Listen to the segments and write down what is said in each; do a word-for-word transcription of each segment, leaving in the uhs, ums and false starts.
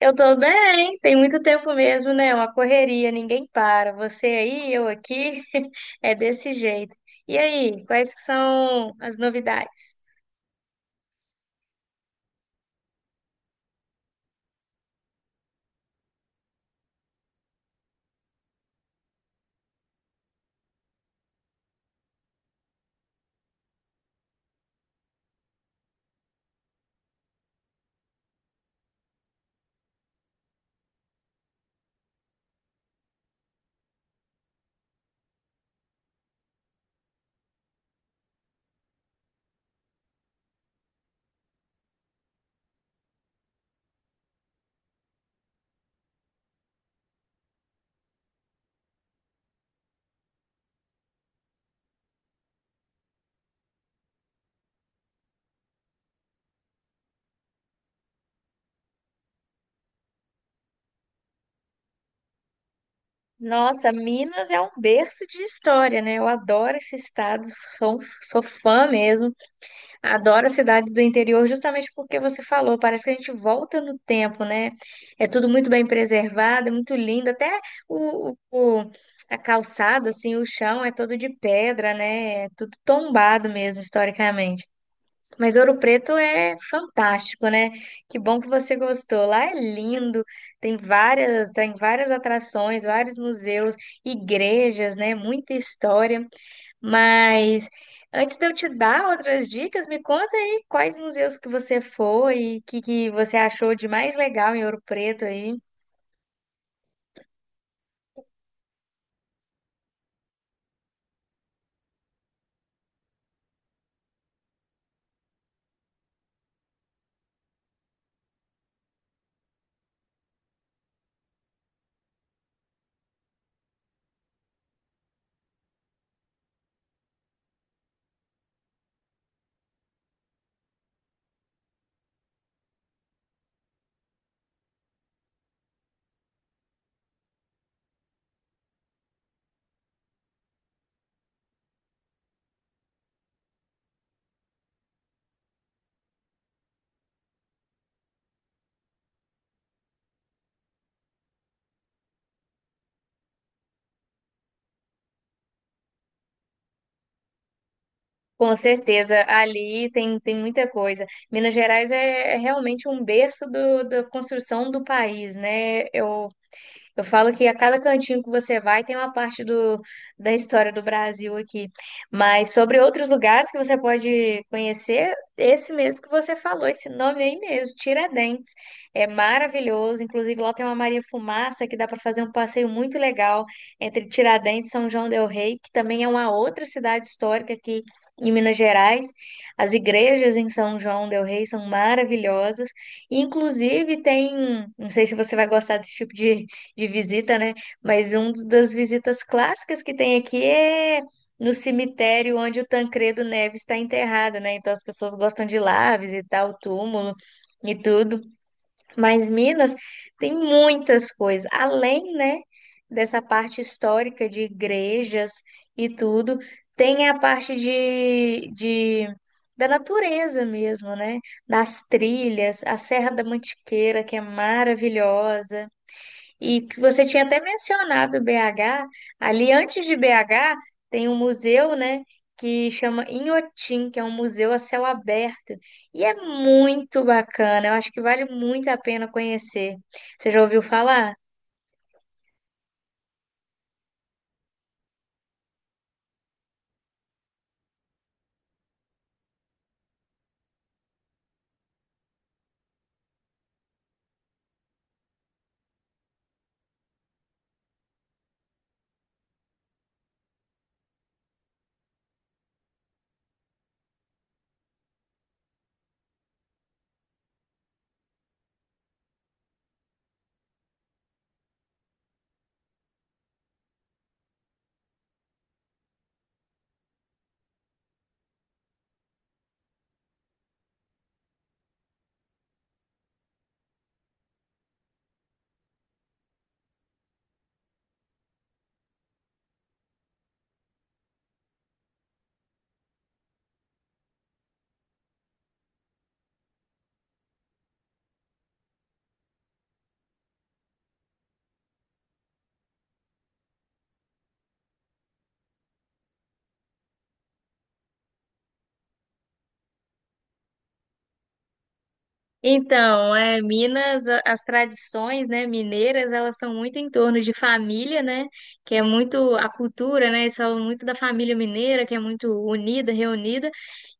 Eu tô bem, tem muito tempo mesmo, né? Uma correria, ninguém para. Você aí, eu aqui, é desse jeito. E aí, quais que são as novidades? Nossa, Minas é um berço de história, né? Eu adoro esse estado, sou, sou fã mesmo. Adoro cidades do interior justamente porque você falou, parece que a gente volta no tempo, né? É tudo muito bem preservado, é muito lindo, até o, o- a calçada, assim, o chão é todo de pedra, né? É tudo tombado mesmo, historicamente. Mas Ouro Preto é fantástico, né? Que bom que você gostou. Lá é lindo, tem várias, tem várias atrações, vários museus, igrejas, né? Muita história. Mas antes de eu te dar outras dicas, me conta aí quais museus que você foi e que, que você achou de mais legal em Ouro Preto aí. Com certeza, ali tem, tem muita coisa. Minas Gerais é é realmente um berço do, da construção do país, né? Eu Eu falo que a cada cantinho que você vai tem uma parte do, da história do Brasil aqui. Mas sobre outros lugares que você pode conhecer, esse mesmo que você falou, esse nome aí mesmo, Tiradentes. É maravilhoso. Inclusive, lá tem uma Maria Fumaça que dá para fazer um passeio muito legal entre Tiradentes e São João del Rei, que também é uma outra cidade histórica aqui em Minas Gerais. As igrejas em São João del Rei são maravilhosas. Inclusive, tem, não sei se você vai gostar desse tipo de de visita, né? Mas uma das visitas clássicas que tem aqui é no cemitério onde o Tancredo Neves está enterrado, né? Então as pessoas gostam de ir lá visitar o túmulo e tudo. Mas Minas tem muitas coisas, além, né, dessa parte histórica de igrejas e tudo, tem a parte de, de da natureza mesmo, né? Das trilhas, a Serra da Mantiqueira, que é maravilhosa. E que você tinha até mencionado B agá, ali antes de B agá tem um museu, né, que chama Inhotim, que é um museu a céu aberto, e é muito bacana, eu acho que vale muito a pena conhecer. Você já ouviu falar? Então, é, Minas, a- as tradições, né, mineiras, elas estão muito em torno de família, né, que é muito a cultura, né, eles falam muito da família mineira, que é muito unida, reunida,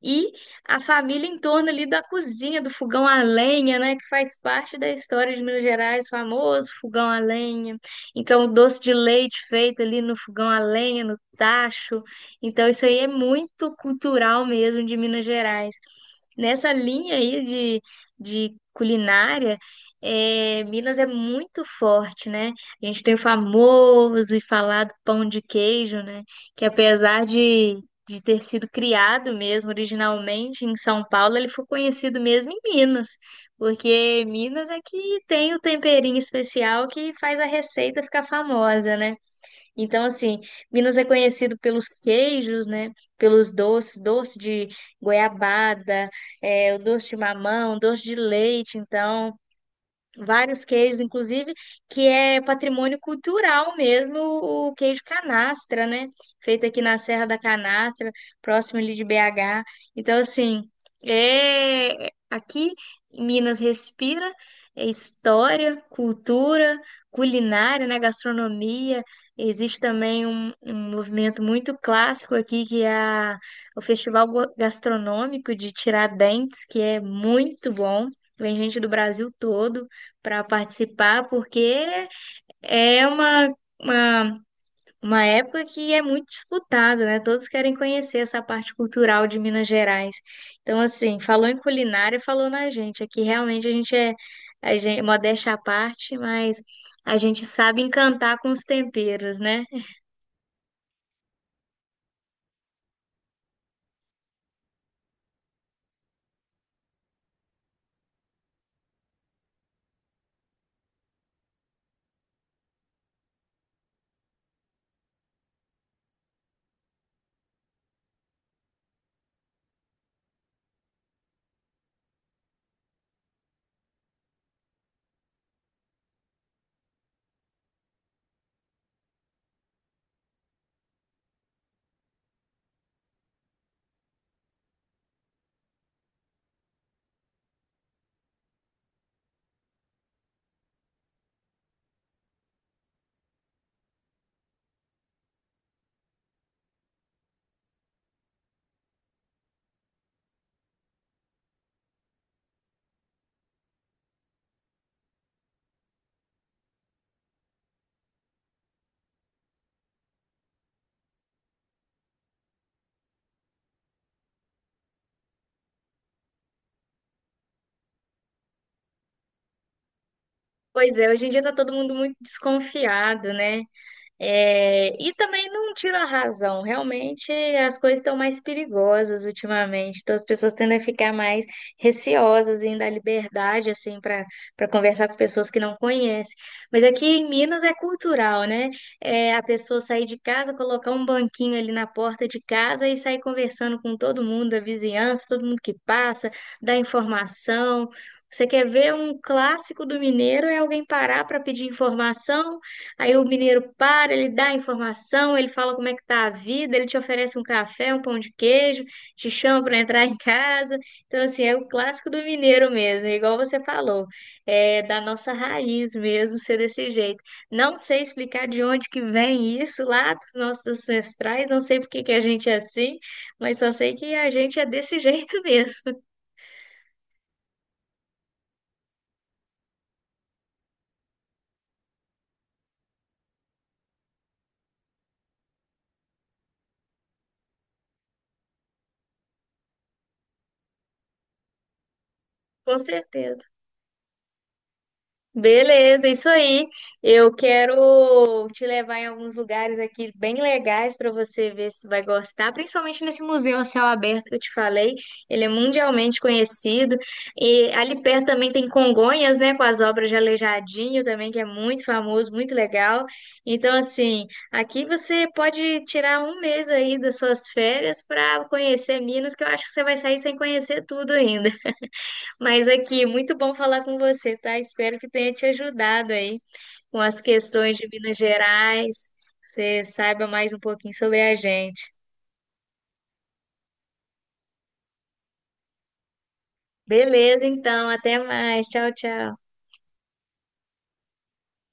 e a família em torno ali da cozinha, do fogão a lenha, né, que faz parte da história de Minas Gerais, famoso fogão a lenha. Então, o doce de leite feito ali no fogão a lenha, no tacho. Então, isso aí é muito cultural mesmo de Minas Gerais. Nessa linha aí de, de culinária, é, Minas é muito forte, né? A gente tem o famoso e falado pão de queijo, né? Que apesar de de ter sido criado mesmo originalmente em São Paulo, ele foi conhecido mesmo em Minas, porque Minas é que tem o temperinho especial que faz a receita ficar famosa, né? Então, assim, Minas é conhecido pelos queijos, né? Pelos doces, doce de goiabada, é, o doce de mamão, doce de leite, então vários queijos, inclusive, que é patrimônio cultural mesmo, o queijo canastra, né? Feito aqui na Serra da Canastra, próximo ali de B agá. Então, assim, é aqui Minas respira é história, cultura, culinária, né? Gastronomia. Existe também um, um movimento muito clássico aqui que é a- o Festival Go- Gastronômico de Tiradentes, que é muito bom. Vem gente do Brasil todo para participar, porque é uma, uma, uma época que é muito disputada, né? Todos querem conhecer essa parte cultural de Minas Gerais. Então, assim, falou em culinária, falou na gente. Aqui realmente a gente é, a gente, modéstia à parte, mas a gente sabe encantar com os temperos, né? Pois é, hoje em dia tá todo mundo muito desconfiado, né? É, e também não tira a razão, realmente as coisas estão mais perigosas ultimamente, então as pessoas tendem a ficar mais receosas em dar liberdade assim para para conversar com pessoas que não conhecem. Mas aqui em Minas é cultural, né? É a pessoa sair de casa, colocar um banquinho ali na porta de casa e sair conversando com todo mundo da vizinhança, todo mundo que passa, dar informação. Você quer ver um clássico do mineiro é alguém parar para pedir informação. Aí o mineiro para, ele dá a informação, ele fala como é que tá a vida, ele te oferece um café, um pão de queijo, te chama para entrar em casa. Então, assim, é o clássico do mineiro mesmo, é igual você falou, é da nossa raiz mesmo ser desse jeito. Não sei explicar de onde que vem isso lá dos nossos ancestrais, não sei por que que a gente é assim, mas só sei que a gente é desse jeito mesmo, com certeza. Beleza, isso aí. Eu quero Vou te levar em alguns lugares aqui bem legais para você ver se vai gostar, principalmente nesse museu a céu aberto que eu te falei. Ele é mundialmente conhecido. E ali perto também tem Congonhas, né, com as obras de Aleijadinho também, que é muito famoso, muito legal. Então, assim, aqui você pode tirar um mês aí das suas férias para conhecer Minas, que eu acho que você vai sair sem conhecer tudo ainda. Mas aqui, muito bom falar com você, tá? Espero que tenha te ajudado aí com as questões de Minas Gerais, você saiba mais um pouquinho sobre a gente. Beleza, então, até mais. Tchau, tchau.